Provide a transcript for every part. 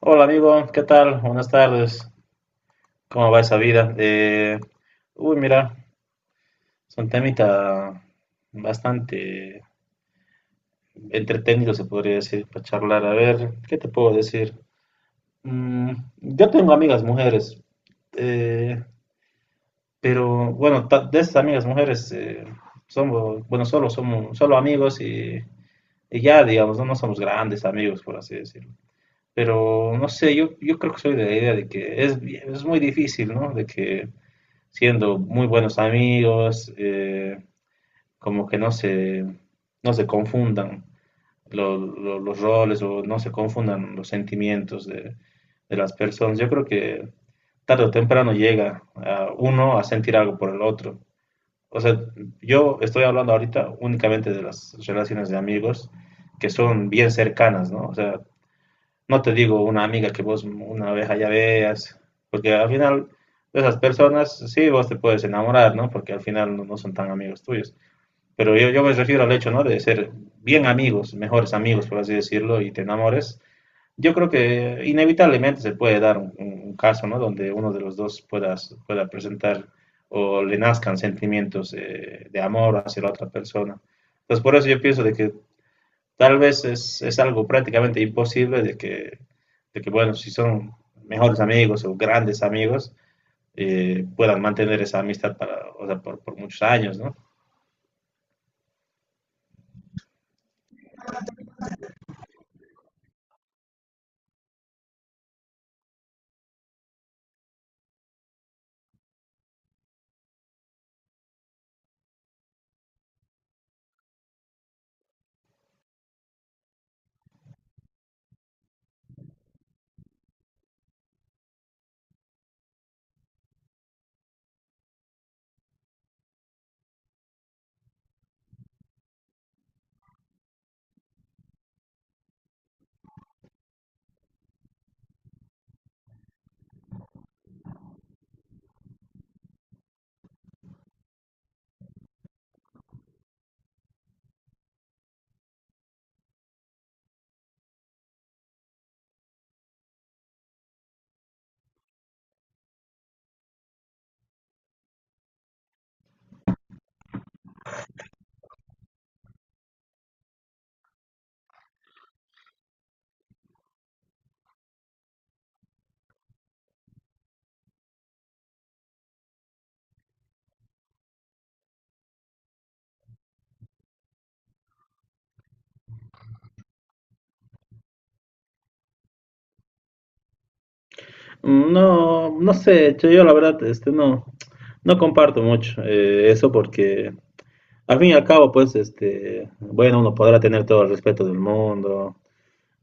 Hola amigo, ¿qué tal? Buenas tardes. ¿Cómo va esa vida? Uy, mira, es un temita bastante entretenido, se podría decir, para charlar. A ver, ¿qué te puedo decir? Mm, yo tengo amigas mujeres, eh, pero bueno, de esas amigas mujeres somos, bueno, solo somos, solo amigos y, ya, digamos, no, no somos grandes amigos, por así decirlo. Pero no sé, yo creo que soy de la idea de que es muy difícil, ¿no? De que siendo muy buenos amigos, como que no se, no se confundan los roles o no se confundan los sentimientos de las personas. Yo creo que tarde o temprano llega a uno a sentir algo por el otro. O sea, yo estoy hablando ahorita únicamente de las relaciones de amigos que son bien cercanas, ¿no? O sea, no te digo una amiga que vos una vez allá veas, porque al final de esas personas sí vos te puedes enamorar, ¿no? Porque al final no, no son tan amigos tuyos. Pero yo me refiero al hecho, ¿no? De ser bien amigos, mejores amigos, por así decirlo, y te enamores. Yo creo que inevitablemente se puede dar un caso, ¿no? Donde uno de los dos pueda presentar o le nazcan sentimientos de amor hacia la otra persona. Entonces, por eso yo pienso de que tal vez es algo prácticamente imposible de que, bueno, si son mejores amigos o grandes amigos, puedan mantener esa amistad para, o sea, por muchos años, ¿no? No, no sé, yo la verdad este, no, no comparto mucho eso porque al fin y al cabo, pues, este, bueno, uno podrá tener todo el respeto del mundo,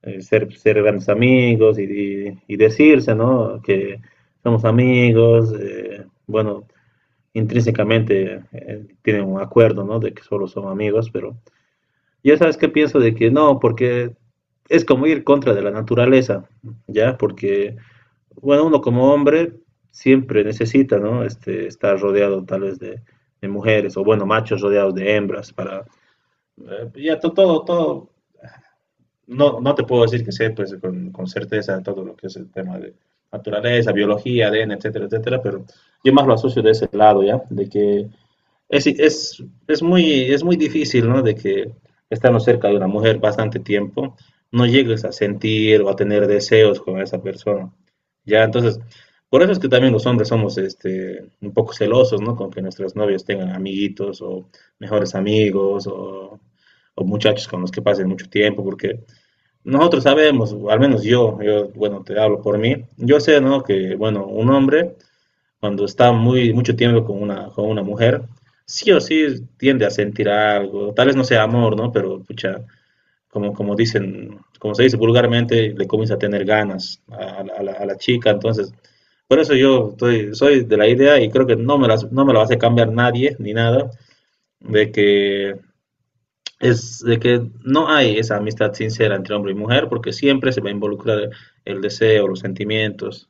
ser, ser grandes amigos y, y decirse, ¿no? Que somos amigos, bueno, intrínsecamente tienen un acuerdo, ¿no? De que solo son amigos, pero ya sabes que pienso de que no, porque es como ir contra de la naturaleza, ¿ya? Porque, bueno, uno como hombre siempre necesita, ¿no? Este, estar rodeado tal vez de mujeres o, bueno, machos rodeados de hembras para... ya todo, todo, no, no te puedo decir que sé, pues, con certeza todo lo que es el tema de naturaleza, biología, ADN, etcétera, etcétera, pero yo más lo asocio de ese lado, ¿ya? De que es, es, es muy difícil, ¿no? De que estando cerca de una mujer bastante tiempo, no llegues a sentir o a tener deseos con esa persona. Ya, entonces, por eso es que también los hombres somos este, un poco celosos, ¿no? Con que nuestras novias tengan amiguitos o mejores amigos o muchachos con los que pasen mucho tiempo, porque nosotros sabemos, o al menos yo, bueno, te hablo por mí, yo sé, ¿no? Que, bueno, un hombre cuando está muy, mucho tiempo con con una mujer, sí o sí tiende a sentir algo, tal vez no sea amor, ¿no? Pero, pucha, como, como dicen, como se dice vulgarmente, le comienza a tener ganas a, la, a la chica, entonces, por eso yo estoy, soy de la idea y creo que no me lo va a hacer cambiar nadie, ni nada, de que es, de que no hay esa amistad sincera entre hombre y mujer, porque siempre se va a involucrar el deseo, los sentimientos.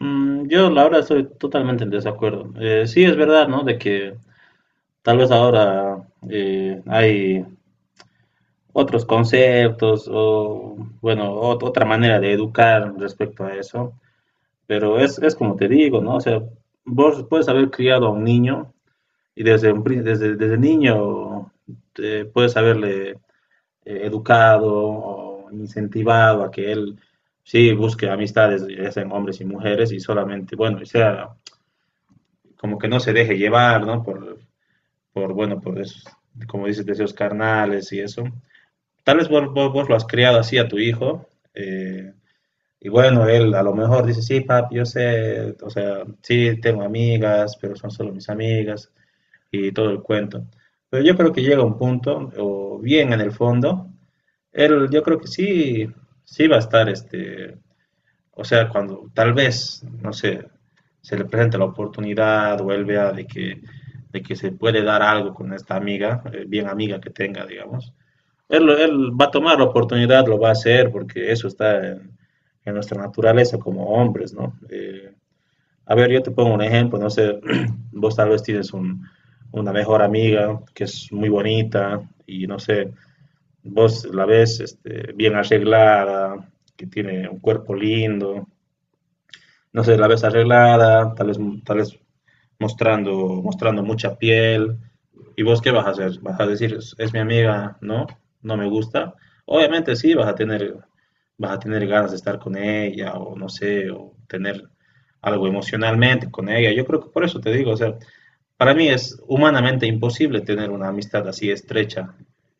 Yo, la verdad, estoy totalmente en desacuerdo. Sí, es verdad, ¿no? De que tal vez ahora hay otros conceptos o, bueno, otra manera de educar respecto a eso. Pero es como te digo, ¿no? O sea, vos puedes haber criado a un niño y desde, desde, desde niño puedes haberle educado o incentivado a que él sí busque amistades, ya sean hombres y mujeres, y solamente, bueno, y sea como que no se deje llevar, ¿no? Por bueno, por esos, como dices, deseos carnales y eso. Tal vez vos lo has criado así a tu hijo, eh, y bueno, él a lo mejor dice, sí, papi, yo sé, o sea, sí, tengo amigas, pero son solo mis amigas y todo el cuento. Pero yo creo que llega un punto, o bien en el fondo, él yo creo que sí, sí va a estar este, o sea, cuando tal vez, no sé, se le presente la oportunidad o él vea de que se puede dar algo con esta amiga, bien amiga que tenga, digamos, él, él va a tomar la oportunidad, lo va a hacer, porque eso está en nuestra naturaleza como hombres, ¿no? A ver, yo te pongo un ejemplo, no sé, vos tal vez tienes una mejor amiga que es muy bonita y no sé, vos la ves este, bien arreglada, que tiene un cuerpo lindo, no sé, la ves arreglada, tal vez mostrando, mostrando mucha piel. ¿Y vos qué vas a hacer? ¿Vas a decir, es mi amiga, no? ¿No me gusta? Obviamente sí, vas a tener ganas de estar con ella o no sé, o tener algo emocionalmente con ella. Yo creo que por eso te digo, o sea, para mí es humanamente imposible tener una amistad así estrecha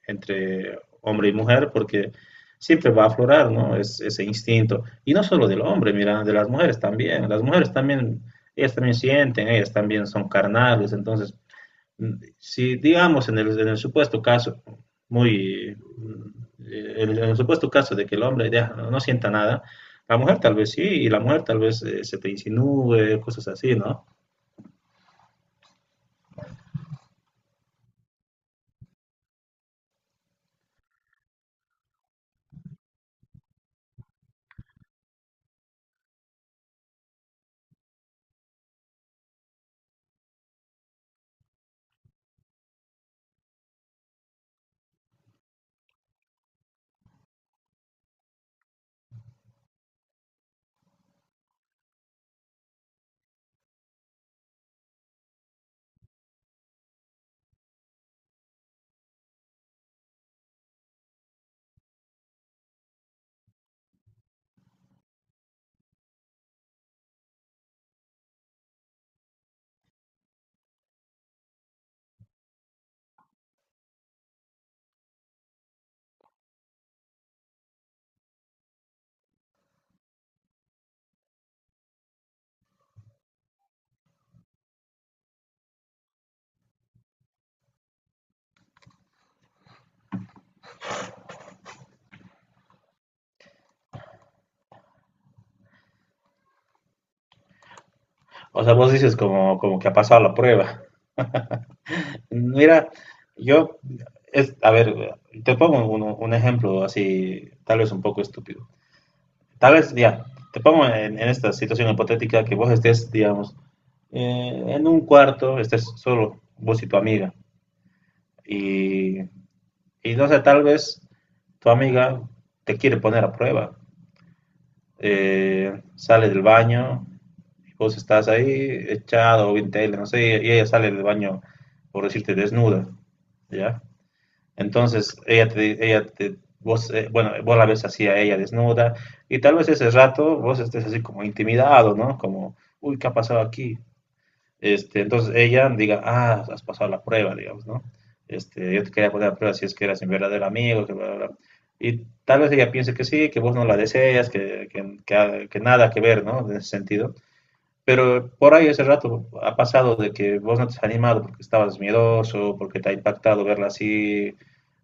entre hombre y mujer porque siempre va a aflorar, ¿no? Es, ese instinto. Y no solo del hombre, mira, de las mujeres también. Las mujeres también, ellas también sienten, ellas también son carnales. Entonces, si digamos en el supuesto caso, muy, en el supuesto caso de que el hombre ya no sienta nada, la mujer tal vez sí, y la mujer tal vez se te insinúe, cosas así, ¿no? O sea, vos dices como, como que ha pasado la prueba. Mira, yo, es, a ver, te pongo un ejemplo así, tal vez un poco estúpido. Tal vez, ya, te pongo en esta situación hipotética que vos estés, digamos, en un cuarto, estés solo, vos y tu amiga, y, y no sé, tal vez tu amiga te quiere poner a prueba. Sale del baño, vos estás ahí echado o en tele, no sé, y ella sale del baño, por decirte, desnuda, ¿ya? Entonces, bueno, vos la ves así a ella desnuda, y tal vez ese rato vos estés así como intimidado, ¿no? Como, uy, ¿qué ha pasado aquí? Este, entonces ella diga, ah, has pasado la prueba, digamos, ¿no? Este, yo te quería poner a prueba si es que eras un verdadero amigo, que bla, bla, bla. Y tal vez ella piense que sí, que vos no la deseas, que, que nada que ver, ¿no? En ese sentido. Pero por ahí ese rato ha pasado de que vos no te has animado porque estabas miedoso, porque te ha impactado verla así,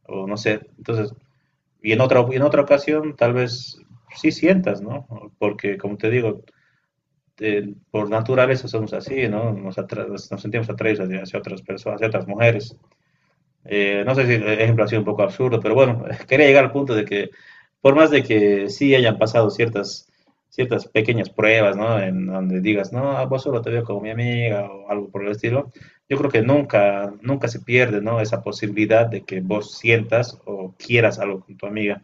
o no sé. Entonces, y en otra ocasión tal vez sí sientas, ¿no? Porque, como te digo, por naturaleza somos así, ¿no? Nos, atra nos sentimos atraídos hacia, hacia otras personas, hacia otras mujeres. No sé si el ejemplo ha sido un poco absurdo, pero bueno, quería llegar al punto de que, por más de que sí hayan pasado ciertas, ciertas pequeñas pruebas, ¿no? En donde digas, no, a vos solo te veo como mi amiga o algo por el estilo, yo creo que nunca, nunca se pierde, ¿no? Esa posibilidad de que vos sientas o quieras algo con tu amiga.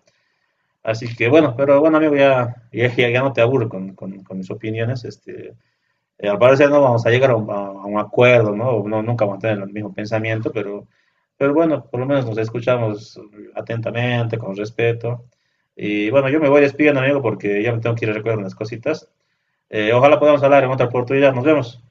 Así que bueno, pero bueno, amigo, ya no te aburro con mis opiniones. Este, al parecer no vamos a llegar a a un acuerdo, ¿no? No, nunca vamos a tener el mismo pensamiento, pero bueno, por lo menos nos escuchamos atentamente, con respeto. Y bueno, yo me voy despidiendo, amigo, porque ya me tengo que ir a recoger unas cositas. Ojalá podamos hablar en otra oportunidad. Nos vemos.